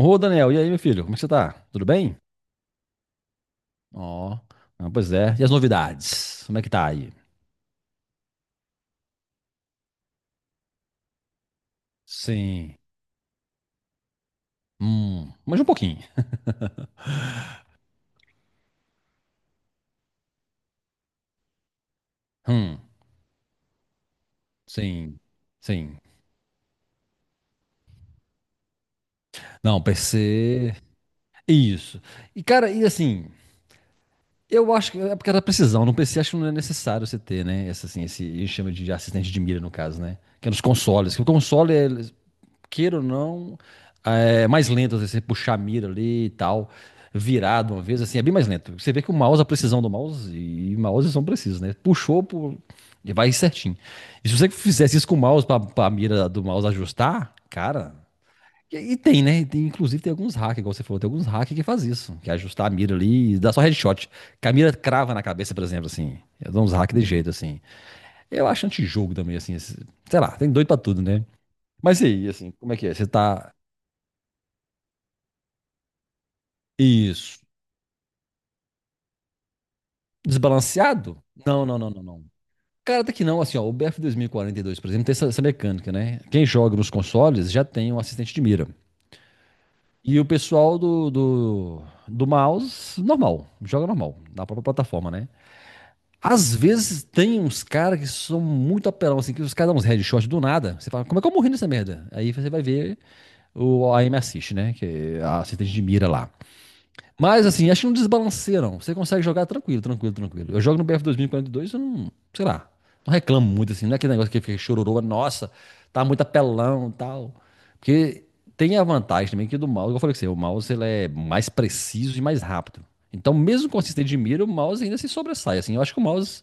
Ô, Daniel, e aí, meu filho? Como é que você tá? Tudo bem? Ó, ah, pois é. E as novidades? Como é que tá aí? Sim. Manja um pouquinho. Hum, sim. Sim. Não, PC. Isso. E, cara, e assim, eu acho que é porque era precisão. No PC acho que não é necessário você ter, né? Esse, a gente chama de assistente de mira, no caso, né? Que é nos consoles. Que o console, queira ou não, é mais lento às vezes, você puxar a mira ali e tal, virado uma vez, assim, é bem mais lento. Você vê que o mouse, a precisão do mouse, e mouse são precisos, né? Puxou, e vai certinho. E se você fizesse isso com o mouse, pra, pra mira do mouse ajustar, cara. E tem, né? Inclusive tem alguns hackers, igual você falou, tem alguns hackers que faz isso, que é ajustar a mira ali e dá só headshot. Que a mira crava na cabeça, por exemplo, assim. Eu dou uns hacks de jeito, assim. Eu acho antijogo também, assim. Sei lá, tem doido pra tudo, né? Mas e aí, assim, como é que é? Você tá. Isso. Desbalanceado? Não, não, não, não, não. Cara, até que não, assim, ó, o BF 2042, por exemplo, tem essa mecânica, né? Quem joga nos consoles já tem um assistente de mira. E o pessoal do mouse, normal, joga normal, na própria plataforma, né? Às vezes tem uns caras que são muito apelão, assim, que os caras dão uns headshot do nada. Você fala, como é que eu morri nessa merda? Aí você vai ver o aim assist, né? Que é a assistente de mira lá. Mas assim, acho que não desbalanceia, não. Você consegue jogar tranquilo, tranquilo, tranquilo. Eu jogo no BF 2042, eu não, sei lá, não reclamo muito assim. Não é aquele negócio que fica chororô, nossa, tá muito apelão e tal. Porque tem a vantagem também que do mouse, igual eu falei que você, o mouse ele é mais preciso e mais rápido. Então, mesmo com assistente de mira, o mouse ainda se sobressai. Assim, eu acho que o mouse.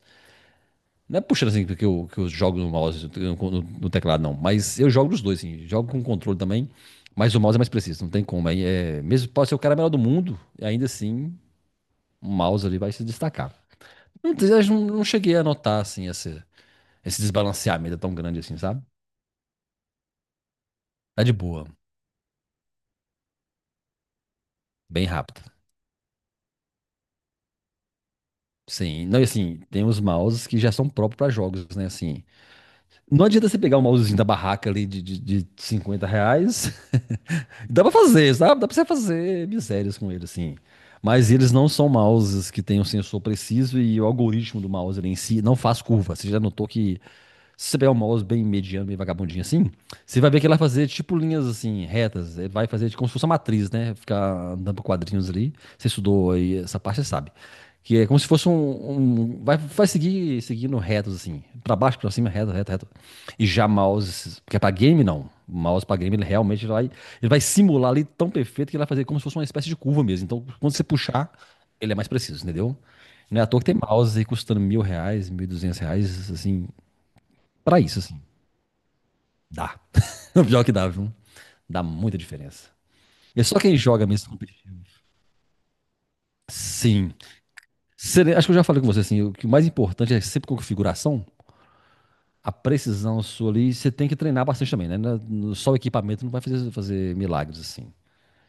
Não é puxando assim que eu jogo no mouse, no teclado, não. Mas eu jogo nos dois, assim. Jogo com controle também. Mas o mouse é mais preciso, não tem como. Aí é, mesmo pode ser o cara melhor do mundo, ainda assim um mouse ali vai se destacar. Não, eu não cheguei a notar, assim, esse desbalanceamento tão grande assim, sabe? Tá de boa, bem rápido. Sim, não, e assim, tem os mouses que já são próprios para jogos, né? Assim, não adianta você pegar um mousezinho da barraca ali de 50 reais. Dá pra fazer, sabe? Dá pra você fazer misérias com ele, assim. Mas eles não são mouses que têm um sensor preciso e o algoritmo do mouse ali em si não faz curva. Você já notou que se você pegar um mouse bem mediano, bem vagabundinho assim, você vai ver que ele vai fazer tipo linhas assim, retas. Ele vai fazer como se fosse uma matriz, né? Ficar andando por quadrinhos ali. Você estudou aí essa parte, você sabe. Que é como se fosse um, vai seguir seguindo retos, assim. Pra baixo, pra cima, reto, reto, reto. E já mouse, porque para game não. O mouse para game ele realmente vai, ele vai simular ali tão perfeito que ele vai fazer como se fosse uma espécie de curva mesmo. Então, quando você puxar, ele é mais preciso, entendeu? Não é à toa que tem mouse aí custando 1.000 reais, 1.200 reais, assim, para isso, assim, dá. O pior que dá, viu? Dá muita diferença. E é só quem joga mesmo competitivo. Sim. Acho que eu já falei com você, assim, o que o mais importante é sempre com configuração, a precisão sua ali, você tem que treinar bastante também, né? Só o equipamento não vai fazer, milagres, assim.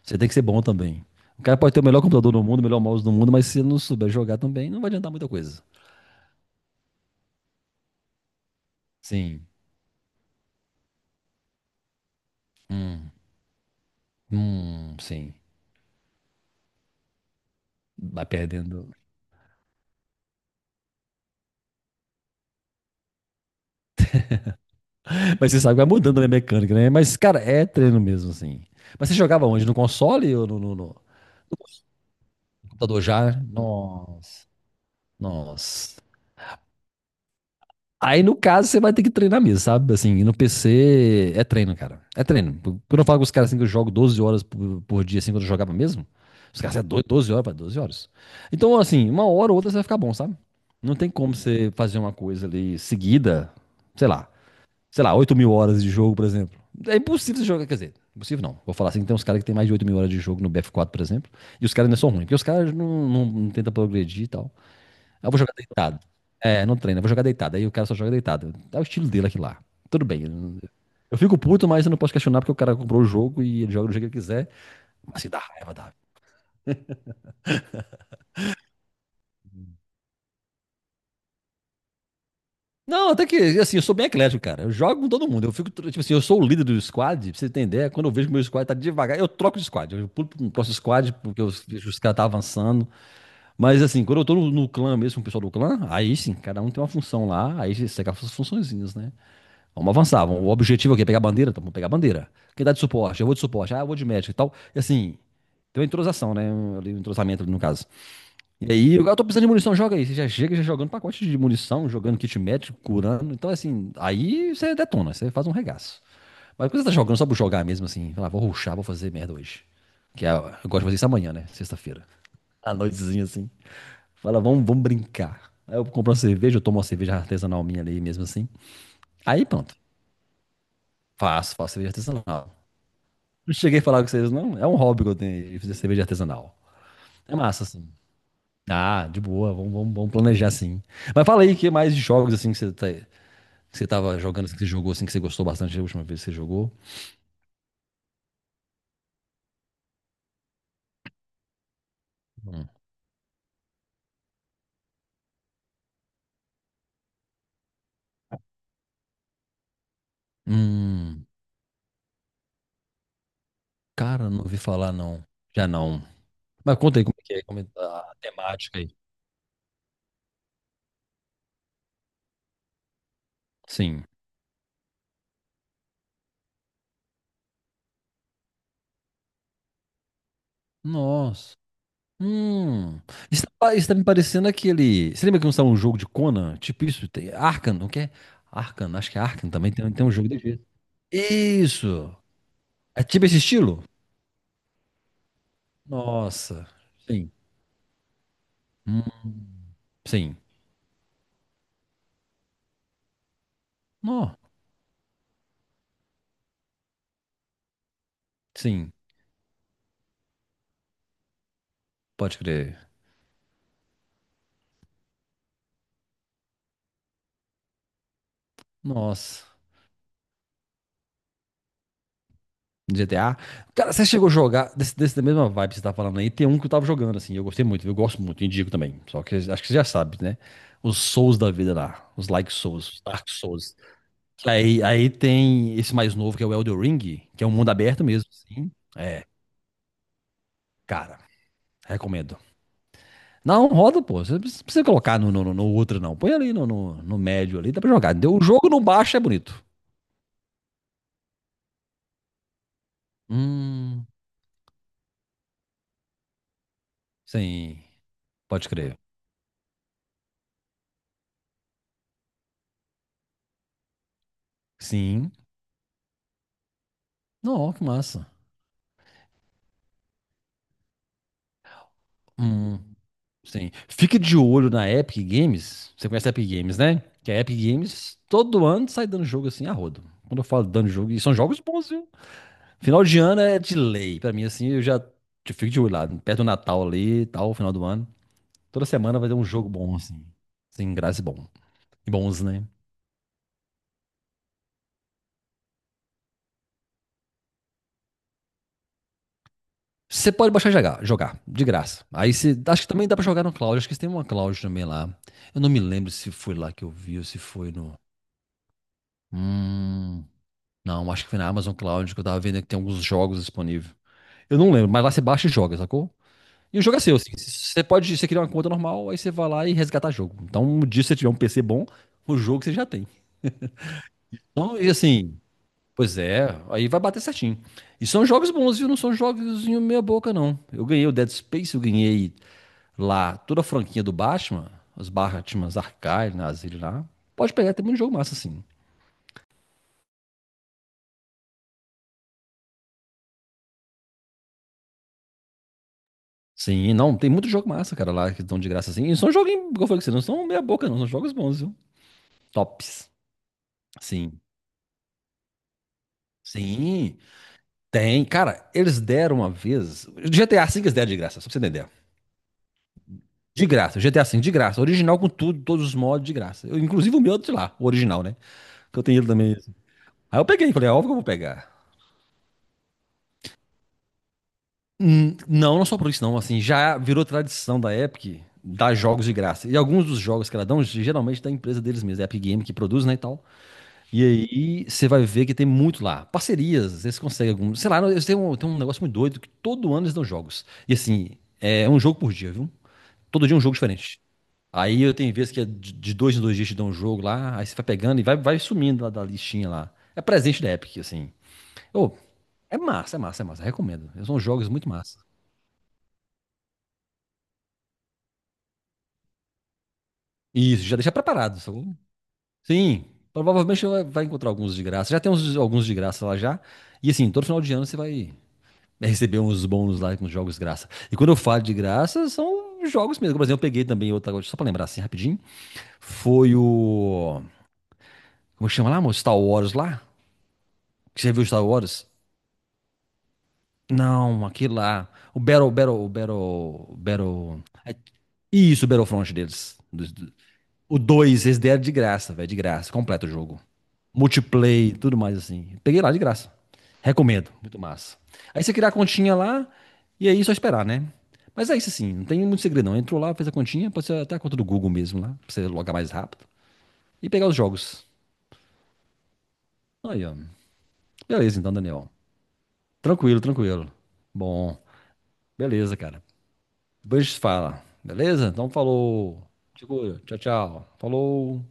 Você tem que ser bom também. O cara pode ter o melhor computador do mundo, o melhor mouse do mundo, mas se ele não souber jogar também, não vai adiantar muita coisa. Sim. Sim. Vai perdendo. Mas você sabe que vai mudando né, a mecânica, né? Mas, cara, é treino mesmo, assim. Mas você jogava onde? No console ou no computador já? Nossa. Nossa. Aí, no caso, você vai ter que treinar mesmo, sabe? Assim, e no PC é treino, cara. É treino. Quando eu falo com os caras assim que eu jogo 12 horas por dia, assim, quando eu jogava mesmo, os caras, é doido, 12 horas, para 12 horas. Então, assim, uma hora ou outra você vai ficar bom, sabe? Não tem como você fazer uma coisa ali seguida, sei lá, 8.000 horas de jogo, por exemplo. É impossível você jogar, quer dizer, impossível não. Vou falar assim, tem uns caras que tem mais de 8.000 horas de jogo no BF4, por exemplo, e os caras ainda são ruins, porque os caras não tentam progredir e tal. Eu vou jogar deitado. É, não treina, eu vou jogar deitado. Aí o cara só joga deitado. É o estilo dele aqui lá. Tudo bem. Eu fico puto, mas eu não posso questionar porque o cara comprou o jogo e ele joga do jeito que ele quiser. Mas se dá raiva, dá. Não, até que, assim, eu sou bem eclético, cara. Eu jogo com todo mundo. Eu fico, tipo assim, eu sou o líder do squad, pra você entender. Quando eu vejo que meu squad tá devagar, eu troco de squad. Eu pulo pro próximo squad, porque os caras tá avançando. Mas, assim, quando eu tô no, no clã mesmo, com o pessoal do clã, aí sim, cada um tem uma função lá. Aí você segue as funçõezinhas, né? Vamos avançar. O objetivo é o quê? Pegar a bandeira? Então, vamos pegar a bandeira. Quem dá de suporte? Eu vou de suporte. Ah, eu vou de médico e tal. E assim, tem uma entrosação, né? Um, ali, um entrosamento ali, no caso. E aí, eu tô precisando de munição, joga aí. Você já chega já jogando pacote de munição, jogando kit médico, curando. Então, assim, aí você detona, você faz um regaço. Mas quando você tá jogando só por jogar mesmo, assim, fala, vou ruxar, vou fazer merda hoje. Que é, eu gosto de fazer isso amanhã, né? Sexta-feira. À noitezinha, assim. Fala, vamos, vamos brincar. Aí eu compro uma cerveja, eu tomo uma cerveja artesanal minha ali mesmo assim. Aí pronto. Faço cerveja artesanal. Não cheguei a falar com vocês, não. É um hobby que eu tenho aí, fazer cerveja artesanal. É massa, assim. Ah, de boa, vamos planejar assim. Mas fala aí, o que mais de jogos assim que você tá, que você tava jogando, assim, que você jogou, assim, que você gostou bastante da última vez que você jogou? Hum, Hum, cara, não ouvi falar não. Já não. Mas conta aí como é que é, como é a temática aí. Sim. Nossa. Hum, isso tá, isso tá me parecendo aquele. Você lembra que não estava um jogo de Conan? Tipo isso, tem Arkham, não quer? É? Arkham, acho que é Arkham também tem, um jogo de jeito. Isso! É tipo esse estilo? Nossa, sim, sim. Nó, sim, pode crer. Nossa, GTA. Cara, você chegou a jogar desse da mesma vibe que você tá falando aí? Tem um que eu tava jogando assim, eu gostei muito, eu gosto muito, indico também. Só que acho que você já sabe, né? Os Souls da vida lá, os Like Souls, os Dark Souls. Aí tem esse mais novo que é o Elden Ring, que é um mundo aberto mesmo, sim. É, cara, recomendo. Não, roda, pô. Você não precisa colocar no, no outro, não. Põe ali no, no médio ali, dá pra jogar. Deu o jogo no baixo é bonito. Hum, sim. Pode crer. Sim. Não, que massa. Hum, sim. Fique de olho na Epic Games. Você conhece a Epic Games, né? Que a Epic Games todo ano sai dando jogo assim a rodo. Quando eu falo dando jogo, e são jogos bons, viu? Final de ano é de lei. Pra mim, assim, eu fico de olho lá, perto do Natal ali e tal, final do ano. Toda semana vai ter um jogo bom, assim. Sem graça e bom. E bons, né? Você pode baixar e jogar, de graça. Aí você. Acho que também dá pra jogar no cloud. Acho que tem uma cloud também lá. Eu não me lembro se foi lá que eu vi ou se foi no. Hum. Não, acho que foi na Amazon Cloud que eu tava vendo que tem alguns jogos disponíveis. Eu não lembro, mas lá você baixa e joga, sacou? E o jogo é seu, assim. Você pode, você criar uma conta normal, aí você vai lá e resgatar jogo. Então, um dia se você tiver um PC bom, o jogo você já tem. Então, e assim, pois é, aí vai bater certinho. E são jogos bons, viu? Não são jogos meia boca, não. Eu ganhei o Dead Space, eu ganhei lá toda a franquinha do Batman, os Batmans Archive, Nazir lá. Pode pegar, tem muito jogo massa, assim. Sim, não, tem muito jogo massa, cara, lá que estão de graça, assim. E são jogos, como eu falei com você, não são meia boca, não. São jogos bons, viu? Tops. Sim. Sim. Tem, cara, eles deram uma vez. GTA V eles deram de graça, só pra você entender. De graça, GTA V de graça. Original com tudo, todos os mods de graça. Eu, inclusive o meu de lá, o original, né? Que eu tenho ele também. Aí eu peguei, falei, é óbvio que eu vou pegar. Não, não só por isso, não. Assim, já virou tradição da Epic dar jogos de graça. E alguns dos jogos que ela dão, geralmente da empresa deles mesmos, Epic Game que produz, né, e tal. E aí você vai ver que tem muito lá. Parcerias, eles conseguem alguns. Sei lá, eles têm um negócio muito doido que todo ano eles dão jogos. E assim, é um jogo por dia, viu? Todo dia um jogo diferente. Aí eu tenho vezes que é de dois em dois dias te dão um jogo lá, aí você vai pegando e vai sumindo lá da listinha lá. É presente da Epic, assim. Ô, é massa, é massa, é massa. Recomendo. São jogos muito massa. Isso, já deixa preparado, sacou? Sim, provavelmente vai encontrar alguns de graça. Já tem uns, alguns de graça lá já. E assim, todo final de ano você vai receber uns bônus lá com jogos de graça. E quando eu falo de graça, são jogos mesmo. Por exemplo, eu peguei também outra, só pra lembrar assim rapidinho. Foi o. Como chama lá, amor? Star Wars lá? Que você viu Star Wars? Não, aquilo lá. O Battle, Battle, Battle, Battle. Isso, o Battlefront deles. O 2 eles deram de graça, velho, de graça. Completo o jogo. Multiplay, tudo mais assim. Peguei lá de graça. Recomendo, muito massa. Aí você criar a continha lá e aí é só esperar, né? Mas é isso assim, não tem muito segredo não. Entrou lá, fez a continha, pode ser até a conta do Google mesmo lá, pra você logar mais rápido. E pegar os jogos. Aí, ó. Beleza então, Daniel. Tranquilo, tranquilo. Bom, beleza, cara. Depois a gente fala, beleza? Então falou. Segura. Tchau, tchau. Falou.